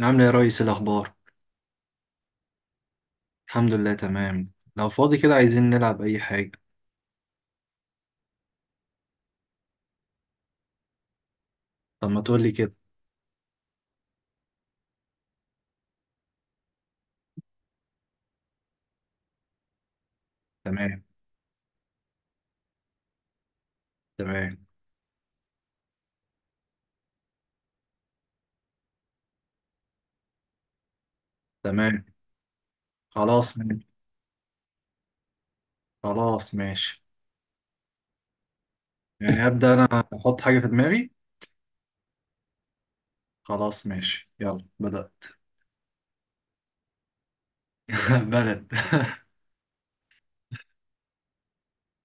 عامل ايه يا ريس؟ إيه الاخبار؟ الحمد لله تمام. لو فاضي كده عايزين نلعب اي حاجه. طب ما تقول لي كده. تمام. تمام. تمام. خلاص ماشي. خلاص ماشي. يعني ابدا انا احط حاجه في دماغي. خلاص ماشي يلا بدات. بلد.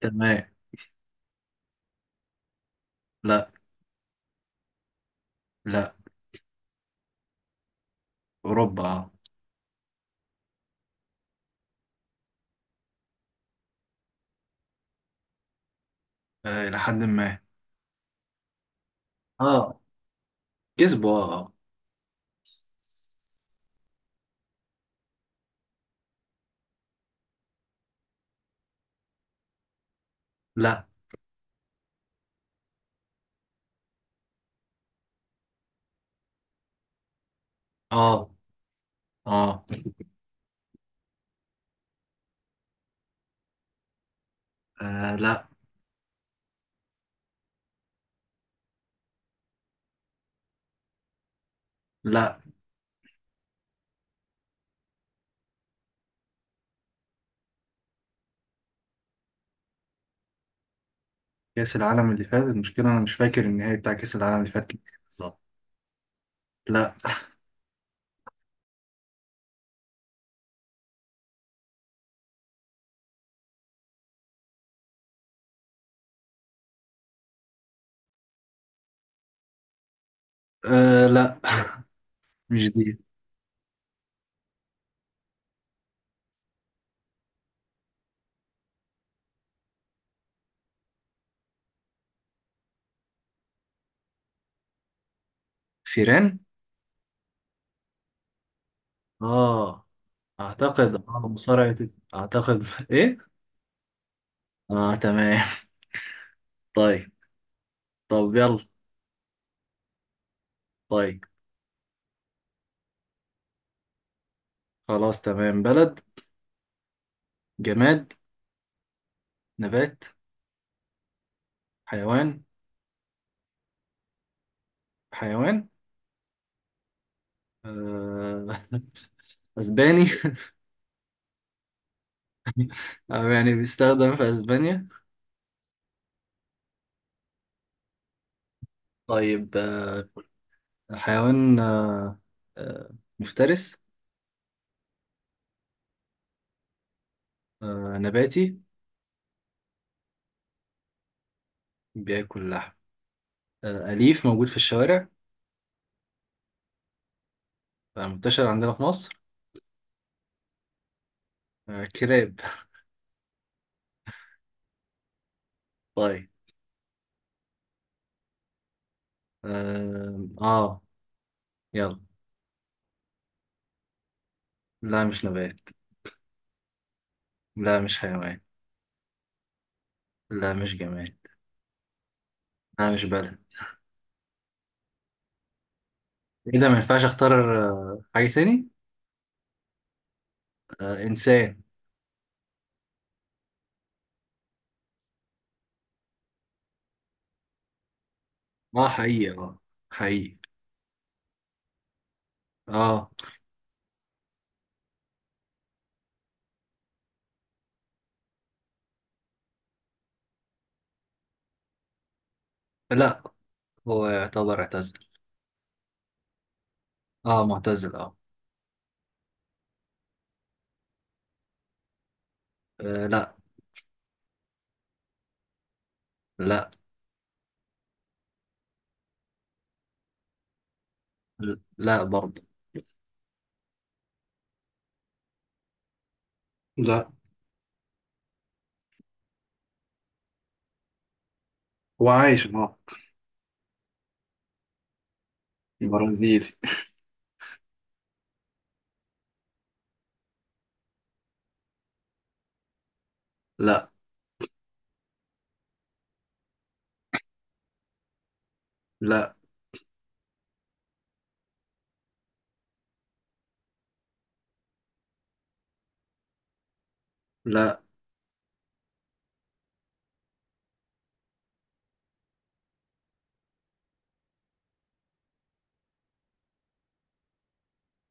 تمام. لا. لا. اوروبا اه. آه، الى حد ما. اه كسبوا اه آه. لا. اه. اه. آه، لا. لا. كاس العالم اللي فات، المشكله انا مش فاكر النهائي بتاع كاس العالم اللي فات كان إيه بالظبط. لا. أه لا مش دي. فيران. اه اعتقد اه مصارعة. اعتقد ايه. اه تمام. طيب. طب يلا. طيب خلاص تمام. بلد. جماد. نبات. حيوان. حيوان. آه. اسباني. آه يعني بيستخدم في اسبانيا. طيب آه. حيوان آه. آه. مفترس. آه. نباتي. بياكل لحم. آه. أليف موجود في الشوارع. آه. منتشر عندنا في مصر. آه. كلاب. طيب. آه، آه. يلا. لا مش نبات. لا مش حيوان. لا مش جماد. لا مش بلد. إيه ده ما ينفعش أختار. آه، حاجة تاني؟ آه إنسان. آه حقيقي آه. حقيقي. آه. لا. هو يعتبر اعتزل. آه معتزل آه. آه لا. لا. لا برضه. لا. هو عايش اه. برازيلي. لا. لا. لا.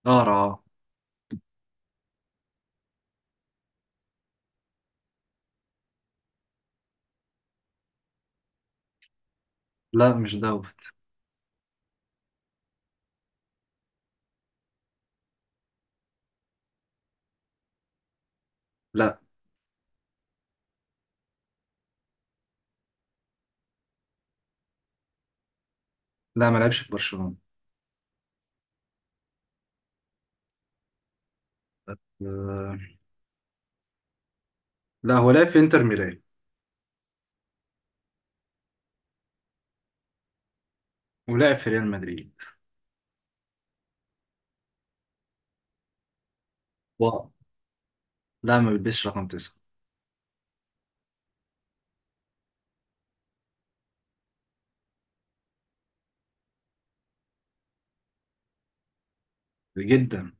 قارة آه. لا مش دوت. لا. لا ما لعبش في برشلونة. آه. لا هو لعب في انتر ميلان ولعب في ريال مدريد. لا ما بيلبسش رقم تسعة. جدا.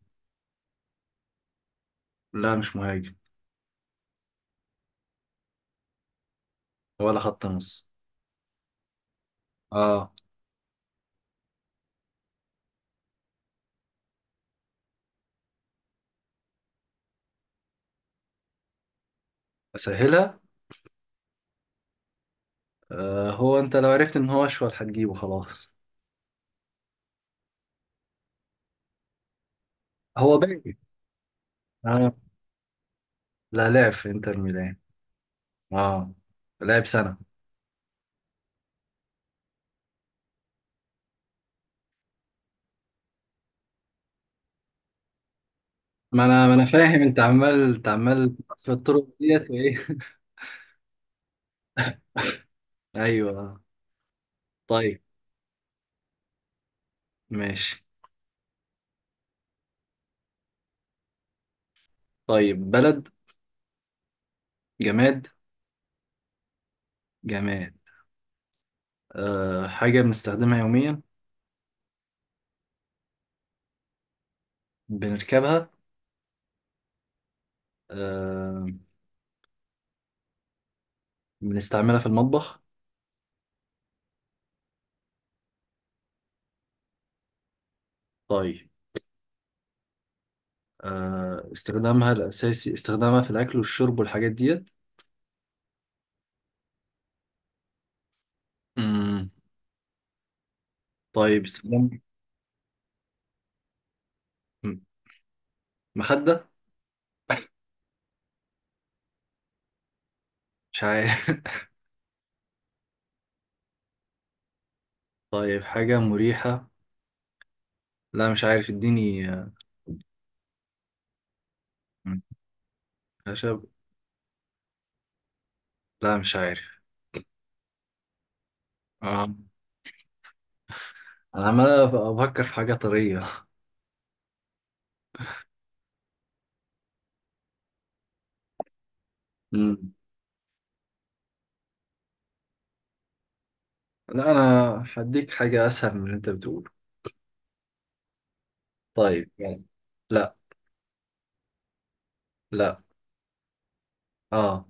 لا مش مهاجم. ولا خط نص. اه. اسهلها. آه هو انت لو عرفت ان هو اشول هتجيبه خلاص. هو باقي. آه. لا لعب في انتر ميلان. اه لعب سنة. ما انا فاهم، انت عمال في الطرق ديت وايه. ايوه. طيب. ماشي. طيب بلد. جماد. جماد. آه حاجة بنستخدمها يوميا. بنركبها. آه. بنستعملها في المطبخ. طيب. آه، استخدامها الأساسي استخدامها في الأكل والشرب والحاجات ديت. مم. طيب استخدام. مم. مخدة. مش عارف. طيب حاجة مريحة. لا مش عارف اديني آه. خشب. لا مش عارف. آه. أنا عمال أفكر في حاجة طرية. مم. لا أنا هديك حاجة أسهل من اللي أنت بتقوله. طيب يعني. لا. لا. آه.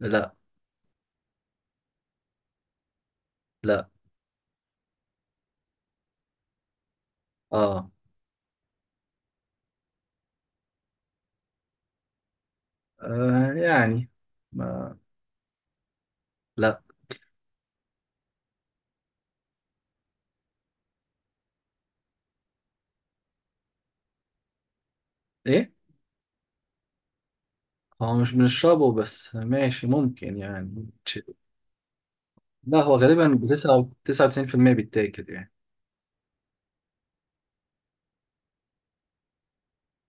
لا. لا. آه، آه. يعني ما. لا. إيه. هو مش بنشربه بس ماشي ممكن يعني تش-. لا هو غالبا بتسعة 99% بيتاكل يعني.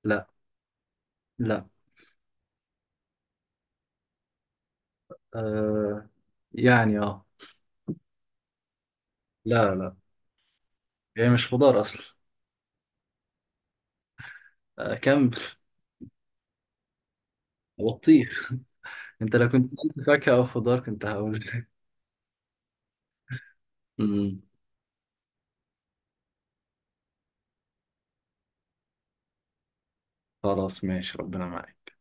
لا. لا. آه يعني اه لا لا هي مش خضار أصلا. آه كم. بطيخ. أنت لو كنت قلت فاكهة أو خضار كنت هقول. أمم، خلاص ماشي ربنا معاك.